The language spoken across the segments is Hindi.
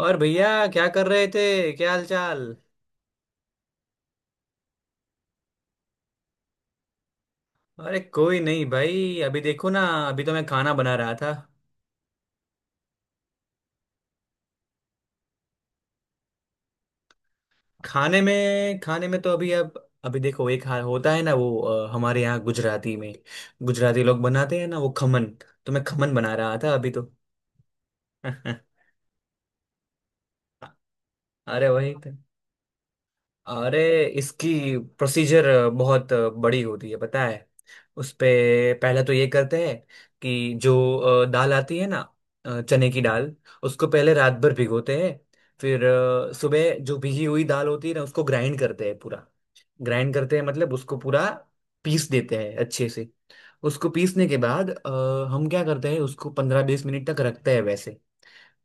और भैया क्या कर रहे थे, क्या हाल चाल? अरे कोई नहीं भाई, अभी देखो ना। अभी तो मैं खाना बना रहा था। खाने में तो अभी देखो, एक होता है ना वो, हमारे यहाँ गुजराती में। गुजराती लोग बनाते हैं ना वो, खमन। तो मैं खमन बना रहा था अभी तो। अरे वही तो। अरे, इसकी प्रोसीजर बहुत बड़ी होती है, पता है? उस पे पहला तो ये करते हैं, कि जो दाल आती है ना, चने की दाल, उसको पहले रात भर भिगोते हैं। फिर सुबह जो भिगी हुई दाल होती है ना, उसको ग्राइंड करते हैं पूरा। ग्राइंड करते हैं मतलब उसको पूरा पीस देते हैं अच्छे से। उसको पीसने के बाद हम क्या करते हैं, उसको 15-20 मिनट तक रखते हैं वैसे।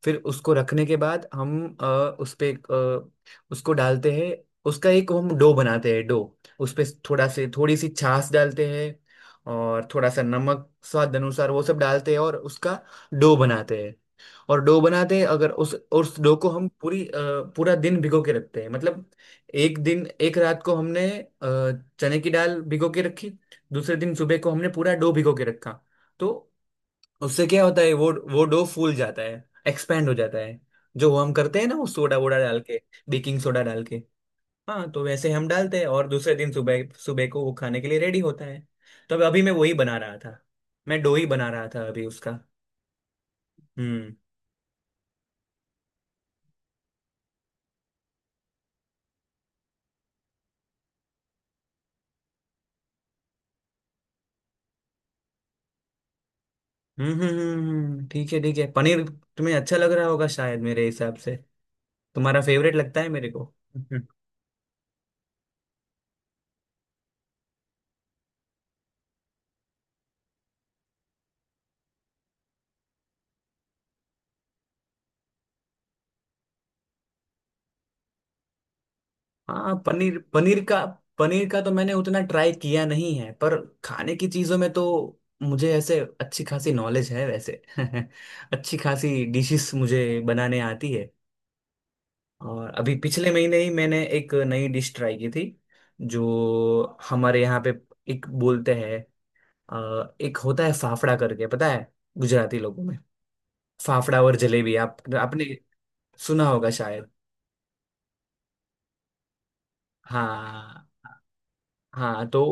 फिर उसको रखने के बाद हम उस पे उसको डालते हैं। उसका एक हम डो बनाते हैं, डो। उस पे थोड़ा से थोड़ी सी छाछ डालते हैं। और थोड़ा सा नमक स्वाद अनुसार, वो सब डालते हैं और उसका डो बनाते हैं। और डो बनाते हैं, अगर उस डो को हम पूरा दिन भिगो के रखते हैं मतलब। एक दिन, एक रात को हमने चने की दाल भिगो के रखी। दूसरे दिन सुबह को हमने पूरा डो भिगो के रखा, तो उससे क्या होता है, वो डो फूल जाता है। एक्सपेंड हो जाता है। जो हम करते हैं ना वो, सोडा वोडा डाल के, बेकिंग सोडा डाल के। हाँ, तो वैसे हम डालते हैं और दूसरे दिन सुबह सुबह को वो खाने के लिए रेडी होता है। तो अभी मैं वही बना रहा था। मैं डो ही बना रहा था अभी उसका। हम्म, हम्म, हम्म, ठीक है ठीक है, पनीर। तुम्हें अच्छा लग रहा होगा शायद, मेरे हिसाब से। तुम्हारा फेवरेट लगता है मेरे को। हाँ, पनीर पनीर का तो मैंने उतना ट्राई किया नहीं है, पर खाने की चीजों में तो मुझे ऐसे अच्छी खासी नॉलेज है वैसे। अच्छी खासी डिशेस मुझे बनाने आती है। और अभी पिछले महीने ही मैंने एक नई डिश ट्राई की थी। जो हमारे यहाँ पे एक बोलते हैं, एक होता है फाफड़ा करके, पता है, गुजराती लोगों में। फाफड़ा और जलेबी, आप आपने सुना होगा शायद। हाँ, हाँ। तो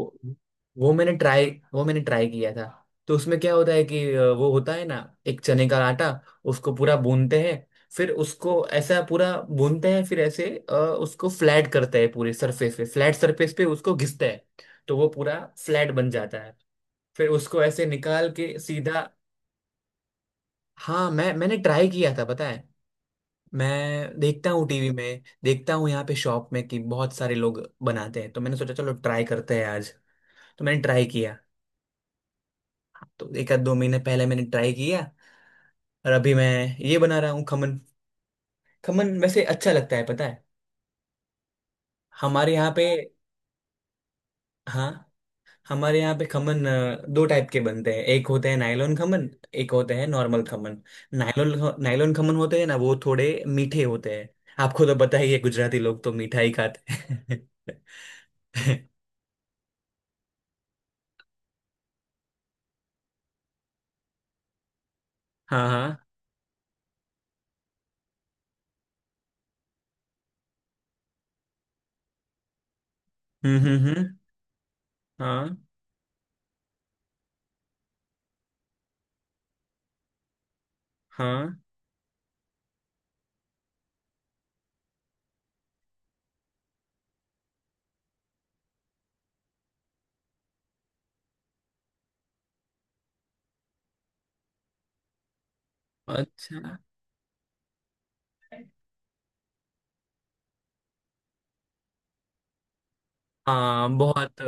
वो मैंने ट्राई किया था। तो उसमें क्या होता है, कि वो होता है ना, एक चने का आटा। उसको पूरा भूनते हैं। फिर उसको ऐसा पूरा भूनते हैं, फिर ऐसे उसको फ्लैट करते हैं, पूरे सरफेस पे, फ्लैट सरफेस पे उसको घिसते हैं। तो वो पूरा फ्लैट बन जाता है। फिर उसको ऐसे निकाल के सीधा। हाँ, मैंने ट्राई किया था, पता है। मैं देखता हूँ, टीवी में देखता हूँ, यहाँ पे शॉप में कि बहुत सारे लोग बनाते हैं, तो मैंने सोचा चलो ट्राई करते हैं आज। तो मैंने ट्राई किया। तो एक आध दो महीने पहले मैंने ट्राई किया। और अभी मैं ये बना रहा हूँ, खमन। खमन वैसे अच्छा लगता है, पता है, हमारे यहाँ पे। हाँ। हमारे यहाँ पे खमन दो टाइप के बनते हैं, एक होते हैं नायलॉन खमन। एक होते हैं normal khaman. Nylon, nylon khaman होते हैं ना, वो थोड़े मीठे होते हैं। आपको तो पता ही है, गुजराती लोग तो मीठा ही खाते हैं। हाँ, हाँ। हम्म, हम्म, हाँ, हाँ, अच्छा। हाँ, बहुत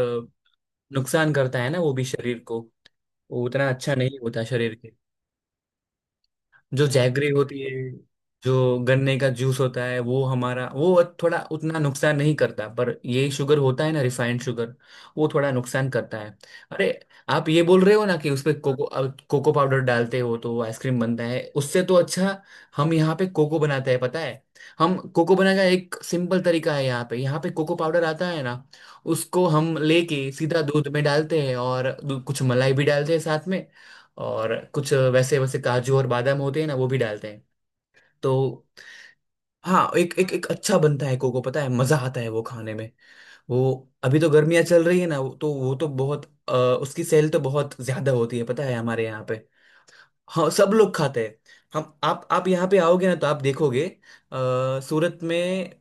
नुकसान करता है ना वो भी शरीर को। वो उतना अच्छा नहीं होता शरीर के। जो जैगरी होती है, जो गन्ने का जूस होता है, वो हमारा वो थोड़ा उतना नुकसान नहीं करता, पर ये शुगर होता है ना, रिफाइंड शुगर। वो थोड़ा नुकसान करता है। अरे, आप ये बोल रहे हो ना कि उस पे कोको, अब कोको पाउडर डालते हो तो आइसक्रीम बनता है उससे, तो अच्छा। हम यहाँ पे कोको बनाते हैं, पता है। हम कोको बनाने का एक सिंपल तरीका है, यहाँ पे, यहाँ पे कोको पाउडर आता है ना। उसको हम लेके सीधा दूध में डालते हैं, और कुछ मलाई भी डालते हैं साथ में। और कुछ वैसे वैसे काजू और बादाम होते हैं ना, वो भी डालते हैं। तो हाँ, एक एक एक अच्छा बनता है कोको, पता है, मजा आता है वो खाने में। वो अभी तो गर्मियाँ चल रही है ना, तो वो तो बहुत अ, उसकी सेल तो बहुत ज्यादा होती है, पता है, हमारे यहाँ पे। हाँ, सब लोग खाते हैं हम। आप यहाँ पे आओगे ना तो आप देखोगे, सूरत में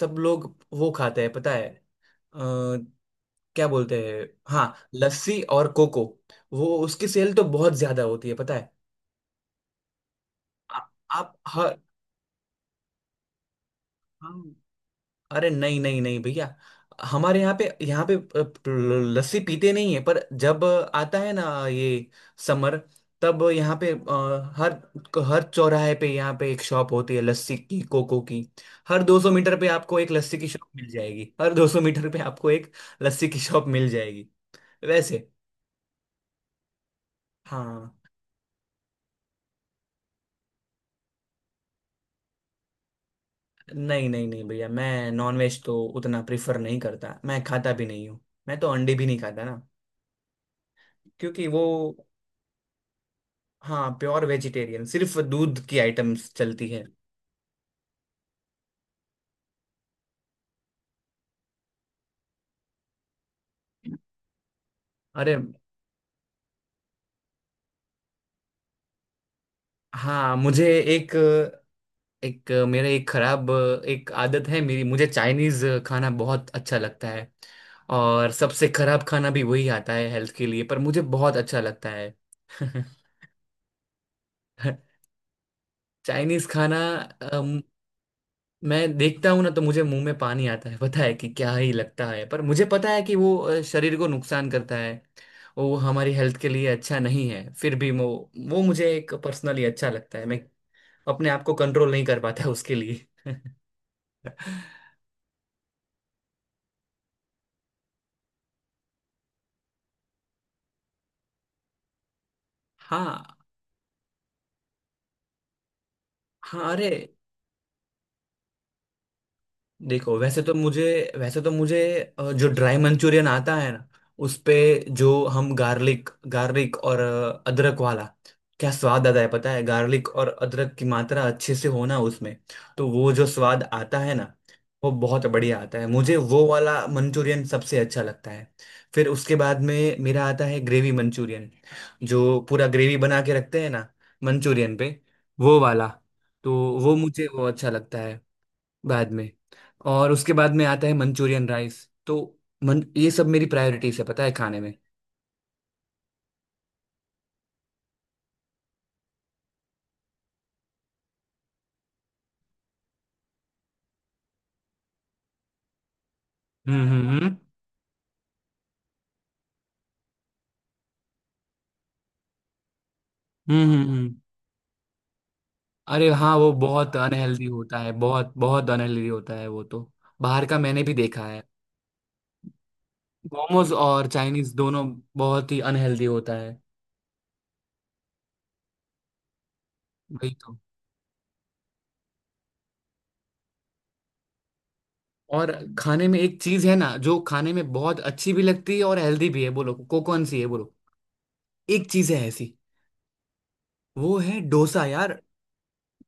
सब लोग वो खाते हैं, पता है। अ, क्या बोलते हैं? हाँ, लस्सी और कोको। वो उसकी सेल तो बहुत ज्यादा होती है, पता है। आ- आप, हाँ, हाँ। अरे नहीं नहीं नहीं भैया, हमारे यहाँ पे, लस्सी पीते नहीं है, पर जब आता है ना ये समर, तब यहाँ पे हर हर चौराहे पे यहाँ पे एक शॉप होती है, लस्सी की, कोको की। हर 200 मीटर पे आपको एक लस्सी की शॉप मिल जाएगी, हर 200 मीटर पे आपको एक लस्सी की शॉप मिल जाएगी वैसे। हाँ। नहीं नहीं नहीं भैया, मैं नॉनवेज तो उतना प्रिफर नहीं करता, मैं खाता भी नहीं हूँ। मैं तो अंडे भी नहीं खाता ना, क्योंकि वो। हाँ, प्योर वेजिटेरियन, सिर्फ दूध की आइटम्स चलती है। अरे हाँ, मुझे एक एक मेरे एक खराब एक आदत है मेरी, मुझे चाइनीज खाना बहुत अच्छा लगता है। और सबसे खराब खाना भी वही आता है हेल्थ के लिए, पर मुझे बहुत अच्छा लगता है। चाइनीज खाना मैं देखता हूँ ना, तो मुझे मुंह में पानी आता है, पता है, कि क्या ही लगता है। पर मुझे पता है कि वो शरीर को नुकसान करता है। वो हमारी हेल्थ के लिए अच्छा नहीं है, फिर भी वो मुझे एक पर्सनली अच्छा लगता है। मैं अपने आप को कंट्रोल नहीं कर पाता उसके लिए। हाँ, हाँ। अरे देखो, वैसे तो मुझे जो ड्राई मंचूरियन आता है ना, उस पे जो हम गार्लिक गार्लिक और अदरक वाला, क्या स्वाद आता है, पता है, गार्लिक और अदरक की मात्रा अच्छे से होना उसमें। तो वो जो स्वाद आता है ना, वो बहुत बढ़िया आता है। मुझे वो वाला मंचूरियन सबसे अच्छा लगता है। फिर उसके बाद में मेरा आता है ग्रेवी मंचूरियन, जो पूरा ग्रेवी बना के रखते हैं ना मंचूरियन पे, वो वाला। तो वो मुझे वो अच्छा लगता है बाद में। और उसके बाद में आता है मंचूरियन राइस। तो मन ये सब मेरी प्रायोरिटीज है, पता है, खाने में। हम्म, हम्म, हम्म, हम्म, अरे हाँ, वो बहुत अनहेल्दी होता है, बहुत बहुत अनहेल्दी होता है वो तो। बाहर का मैंने भी देखा है, मोमोज और चाइनीज दोनों बहुत ही अनहेल्दी होता है, वही तो। और खाने में एक चीज है ना जो खाने में बहुत अच्छी भी लगती है और हेल्दी भी है, बोलो को कौन सी है, बोलो। एक चीज है ऐसी, वो है डोसा यार।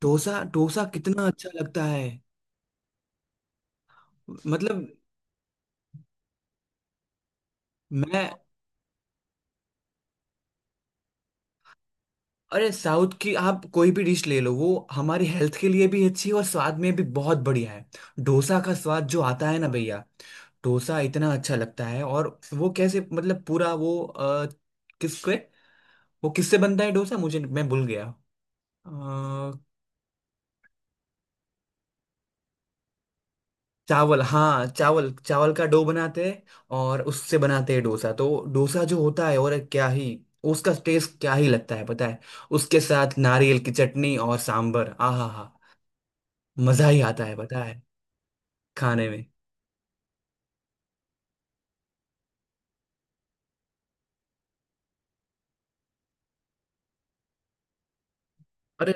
डोसा, डोसा कितना अच्छा लगता है, मतलब मैं। अरे साउथ की आप कोई भी डिश ले लो, वो हमारी हेल्थ के लिए भी अच्छी है और स्वाद में भी बहुत बढ़िया है। डोसा का स्वाद जो आता है ना भैया, डोसा इतना अच्छा लगता है। और वो कैसे मतलब पूरा वो, किसके वो किससे बनता है डोसा, मुझे मैं भूल गया। अ, चावल, हाँ, चावल चावल का डो बनाते हैं। और उससे बनाते हैं डोसा। तो डोसा जो होता है, और क्या ही उसका टेस्ट, क्या ही लगता है, पता है। उसके साथ नारियल की चटनी और सांभर, आहा, मजा ही आता है, पता है, खाने में। अरे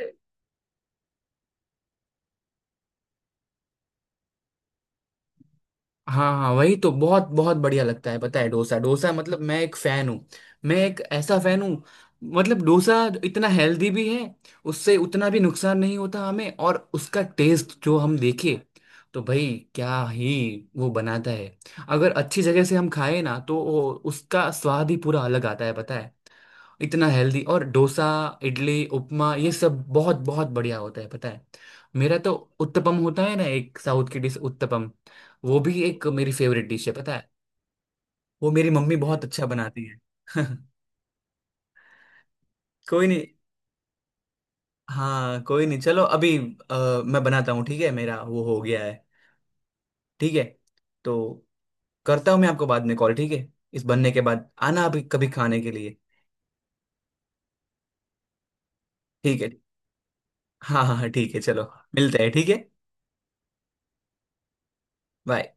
हाँ, हाँ, वही तो, बहुत बहुत बढ़िया लगता है, पता है। डोसा, डोसा मतलब मैं एक फैन हूँ। मैं एक ऐसा फैन हूँ। मतलब डोसा इतना हेल्दी भी है, उससे उतना भी नुकसान नहीं होता हमें, और उसका टेस्ट जो हम देखे, तो भाई क्या ही वो बनाता है। अगर अच्छी जगह से हम खाए ना, तो उसका स्वाद ही पूरा अलग आता है, पता है। इतना हेल्दी और डोसा, इडली, उपमा, ये सब बहुत बहुत बढ़िया होता है, पता है। मेरा तो उत्तपम होता है ना, एक साउथ की डिश, उत्तपम। वो भी एक मेरी फेवरेट डिश है, पता है। वो मेरी मम्मी बहुत अच्छा बनाती है। कोई नहीं, हाँ कोई नहीं, चलो अभी मैं बनाता हूँ। ठीक है, मेरा वो हो गया है। ठीक है। तो करता हूँ मैं आपको बाद में कॉल, ठीक है। इस बनने के बाद आना अभी कभी खाने के लिए। ठीक है। हाँ, हाँ, हाँ, ठीक है, चलो मिलते हैं। ठीक है, बाय।